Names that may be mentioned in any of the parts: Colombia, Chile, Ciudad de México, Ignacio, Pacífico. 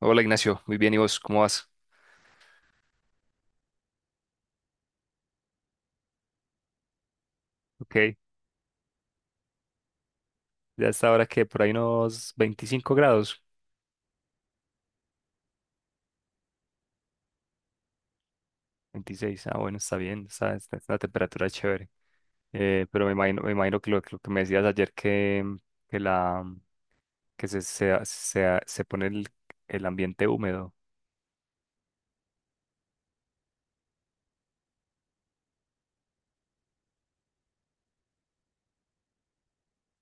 Hola Ignacio, muy bien, ¿y vos cómo vas? Ok, ya está ahora que por ahí unos 25 grados, 26, ah, bueno, está bien, está una temperatura chévere. Pero me imagino que lo que me decías ayer que, la, que se pone el ambiente húmedo.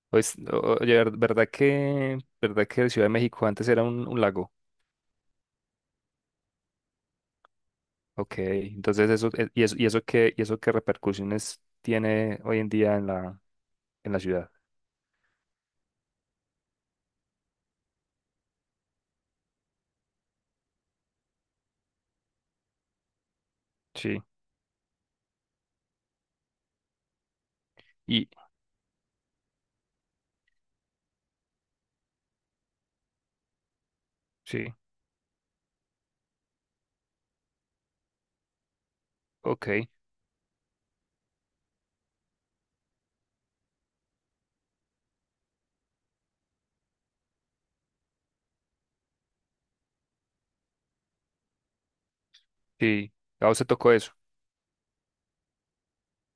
Pues, oye, verdad que Ciudad de México antes era un lago? Ok, entonces eso, y eso qué repercusiones tiene hoy en día en en la ciudad? Sí, y sí, ok. Sí, a vos te tocó eso.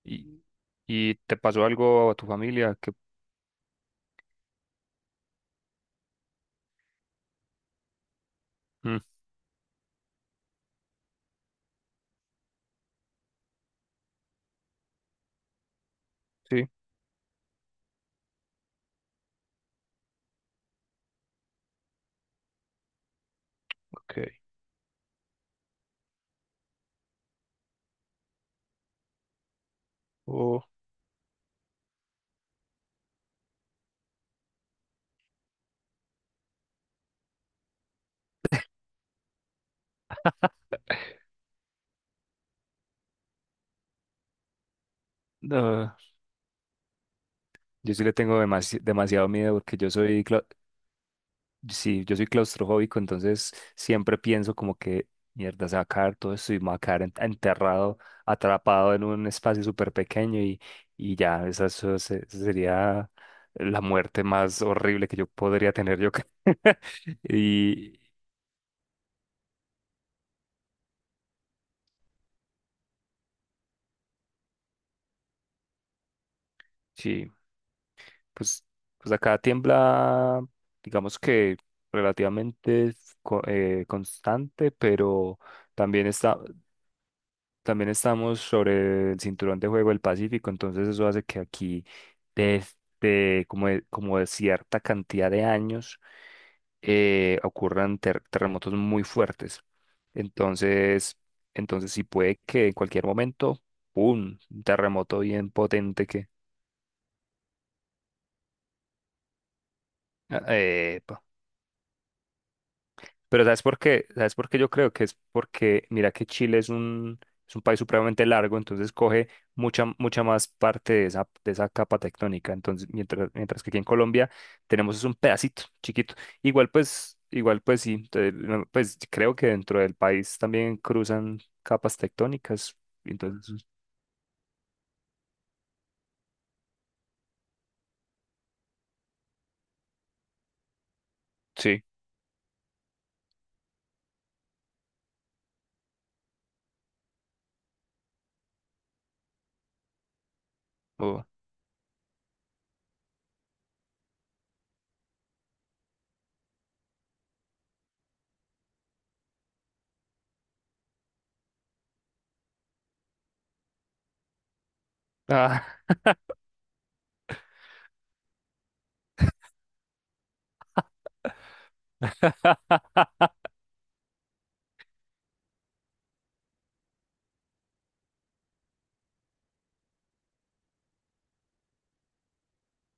¿Y, ¿Y te pasó algo a tu familia? Que. Mm, sí, ok. Oh, no. Yo sí le tengo demasiado miedo porque sí, yo soy claustrofóbico, entonces siempre pienso como que, mierda, se va a caer todo esto y me va a quedar enterrado, atrapado en un espacio súper pequeño y ya, esa sería la muerte más horrible que yo podría tener yo creo. Y sí. Pues, pues acá tiembla, digamos que relativamente es constante, pero también está, también estamos sobre el cinturón de juego del Pacífico, entonces eso hace que aquí desde como de cierta cantidad de años ocurran terremotos muy fuertes. Entonces, entonces sí puede que en cualquier momento, ¡pum! Un terremoto bien potente que. Pero ¿sabes por qué? ¿Sabes por qué yo creo que es? Porque, mira, que Chile es un país supremamente largo, entonces coge mucha, mucha más parte de esa capa tectónica. Entonces, mientras que aquí en Colombia tenemos es un pedacito chiquito. Igual pues sí, entonces, no, pues creo que dentro del país también cruzan capas tectónicas. Entonces, sí. Oh. Ah,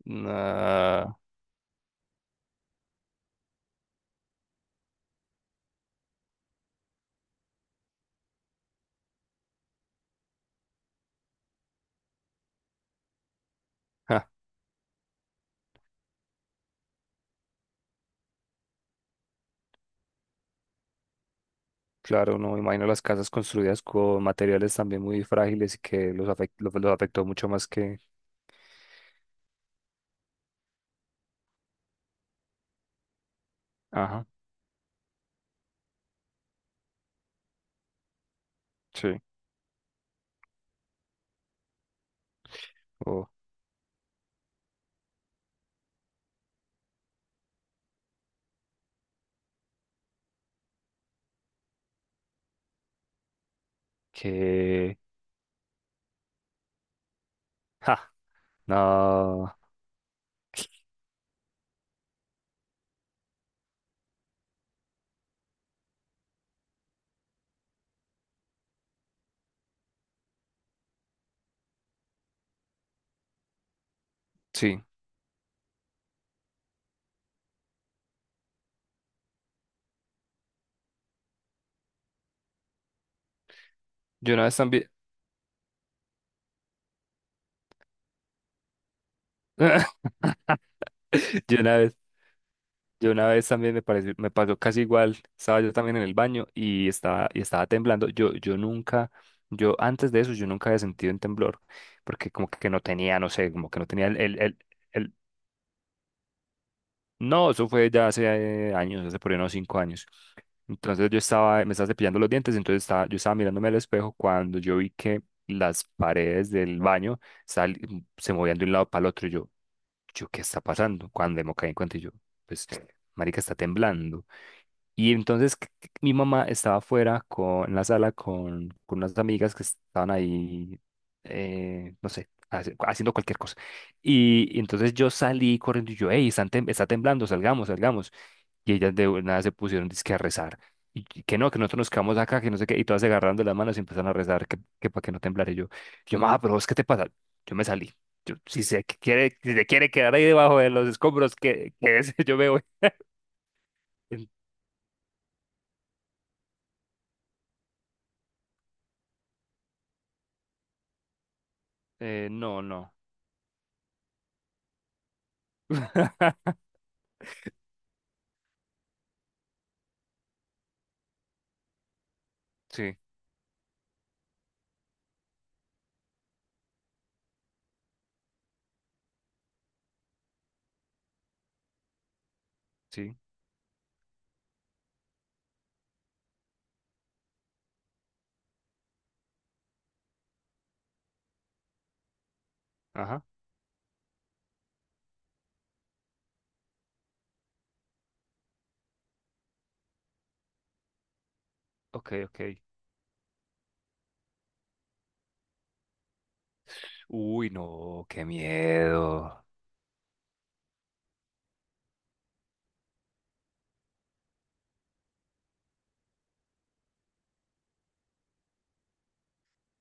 nah. Ah, claro, no me imagino las casas construidas con materiales también muy frágiles y que los afectó mucho más que. Ajá, sí. O que. Ja, no. Sí. Yo una vez también. Yo una vez, yo una vez también me pasó casi igual. Estaba yo también en el baño y estaba temblando. Yo nunca, Yo antes de eso, yo nunca había sentido un temblor, porque como que no tenía, no sé, como que no tenía el- No, eso fue ya hace años, hace por ahí unos 5 años. Entonces me estaba cepillando los dientes, entonces yo estaba mirándome al espejo cuando yo vi que las paredes del baño sal- se movían de un lado para el otro. Y yo, ¿qué está pasando? Cuando me caí en cuenta y yo, pues, marica, está temblando. Y entonces mi mamá estaba afuera en la sala con unas amigas que estaban ahí, no sé, haciendo cualquier cosa. Y entonces yo salí corriendo y yo, hey, está temblando, salgamos, salgamos. Y ellas de nada se pusieron dizque a rezar. Y que no, que nosotros nos quedamos acá, que no sé qué. Y todas se agarrando las manos y empezaron a rezar, que para que no temblara. Y yo, mamá, pero vos, ¿qué te pasa? Yo me salí. Yo, si se quiere quedar ahí debajo de los escombros, que ese yo me voy. En- no, no. Sí, sí. Ajá. Ok, ok. Uy, no, qué miedo.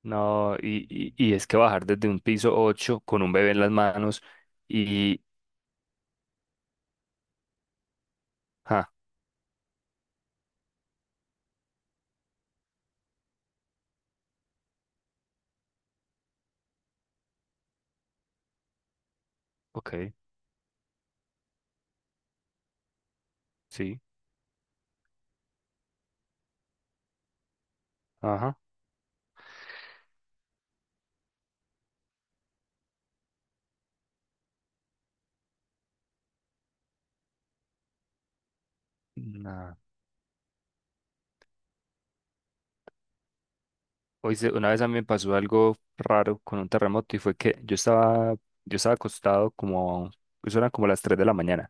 No, y es que bajar desde un piso 8 con un bebé en las manos y. Ah, ok, sí. Ajá. Nada. Una vez a mí me pasó algo raro con un terremoto y fue que yo estaba acostado como. Eso eran como las 3 de la mañana.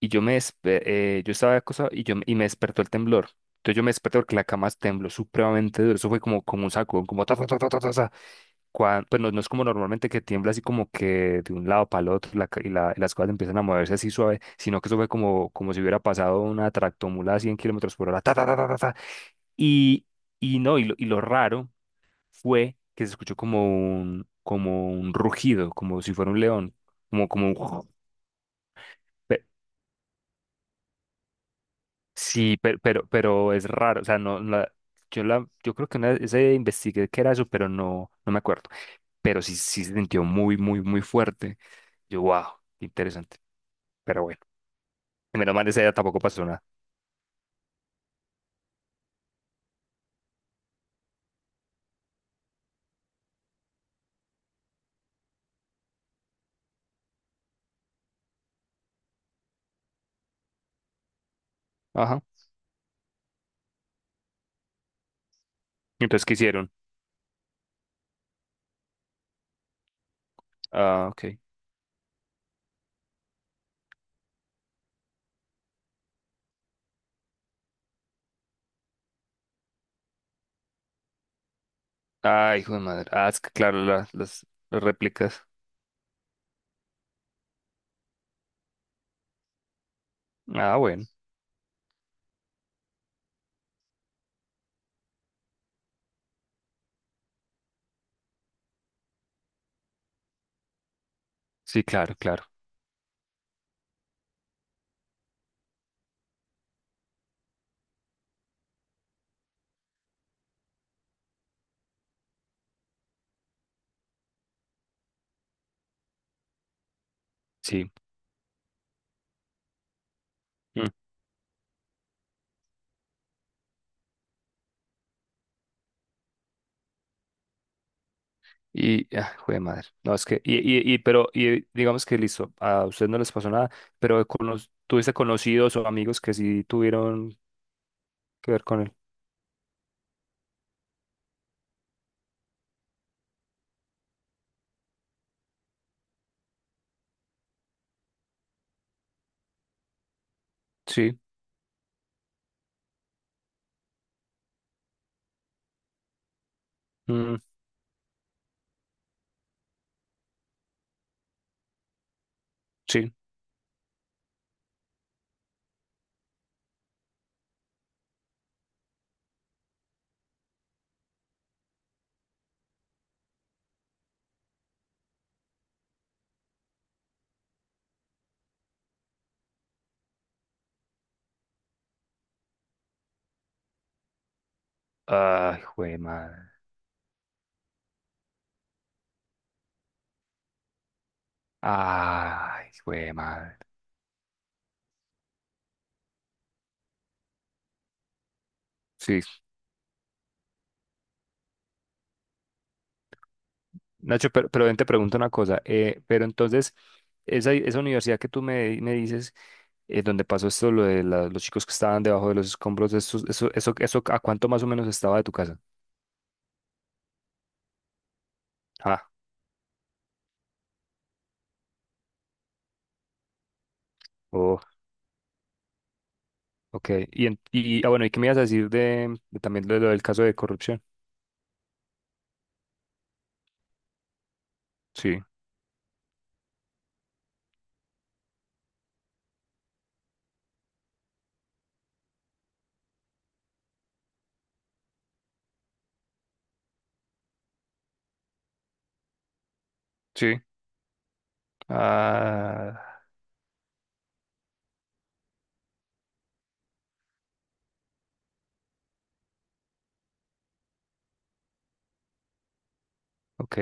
Y yo yo estaba acostado y me despertó el temblor. Entonces yo me desperté porque la cama tembló supremamente duro. Eso fue como un saco, como. Pues no, no es como normalmente que tiembla así como que de un lado para el otro la ca- y, la- y las cosas empiezan a moverse así suave, sino que eso fue como si hubiera pasado una tractomula a 100 kilómetros por hora. Ta, ta, ta, ta, ta, ta. Y, y no, y lo raro fue que se escuchó como como un rugido, como si fuera un león, como un. pe- sí, pero es raro, o sea, no, yo creo que una vez investigué qué era eso, pero no me acuerdo, pero sí, sí se sintió muy, muy, muy fuerte. Yo, wow. Interesante. Pero bueno, y menos mal esa ya tampoco pasó nada. Ajá. Entonces, ¿qué hicieron? Ah, ok. Ay, hijo de madre. Ah, es que claro, las réplicas. Ah, bueno. Sí, claro, claro. Sí. Mm. Y, ah, hijo de madre. No, es que, y digamos que listo, a ustedes no les pasó nada, pero con los tuviste conocidos o amigos que sí tuvieron que ver con él. Sí. Mm, sí. Ay, hijo de madre. Ay, hijo de madre. Sí, Nacho, pero ven, te pregunto una cosa. Pero entonces, esa universidad que tú me dices, donde pasó esto, lo de los chicos que estaban debajo de los escombros, eso, ¿a cuánto más o menos estaba de tu casa? Ah, oh, ok. Ah, bueno, ¿y qué me ibas a decir de también de lo del caso de corrupción? Sí, sí. Ah, ok.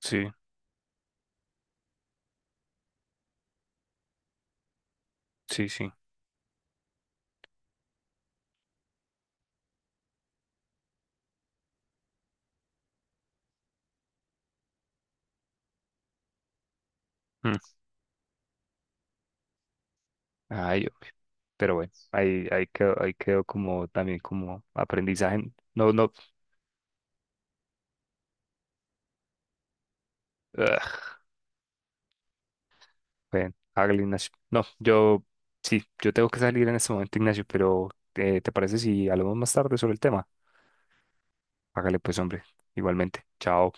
Sí, sí, sí. mm, Ay, pero bueno, ahí quedó como también como aprendizaje. No, no. Bueno, hágale, Ignacio. No, yo tengo que salir en este momento, Ignacio, pero ¿te parece si hablamos más tarde sobre el tema? Hágale pues, hombre, igualmente. Chao.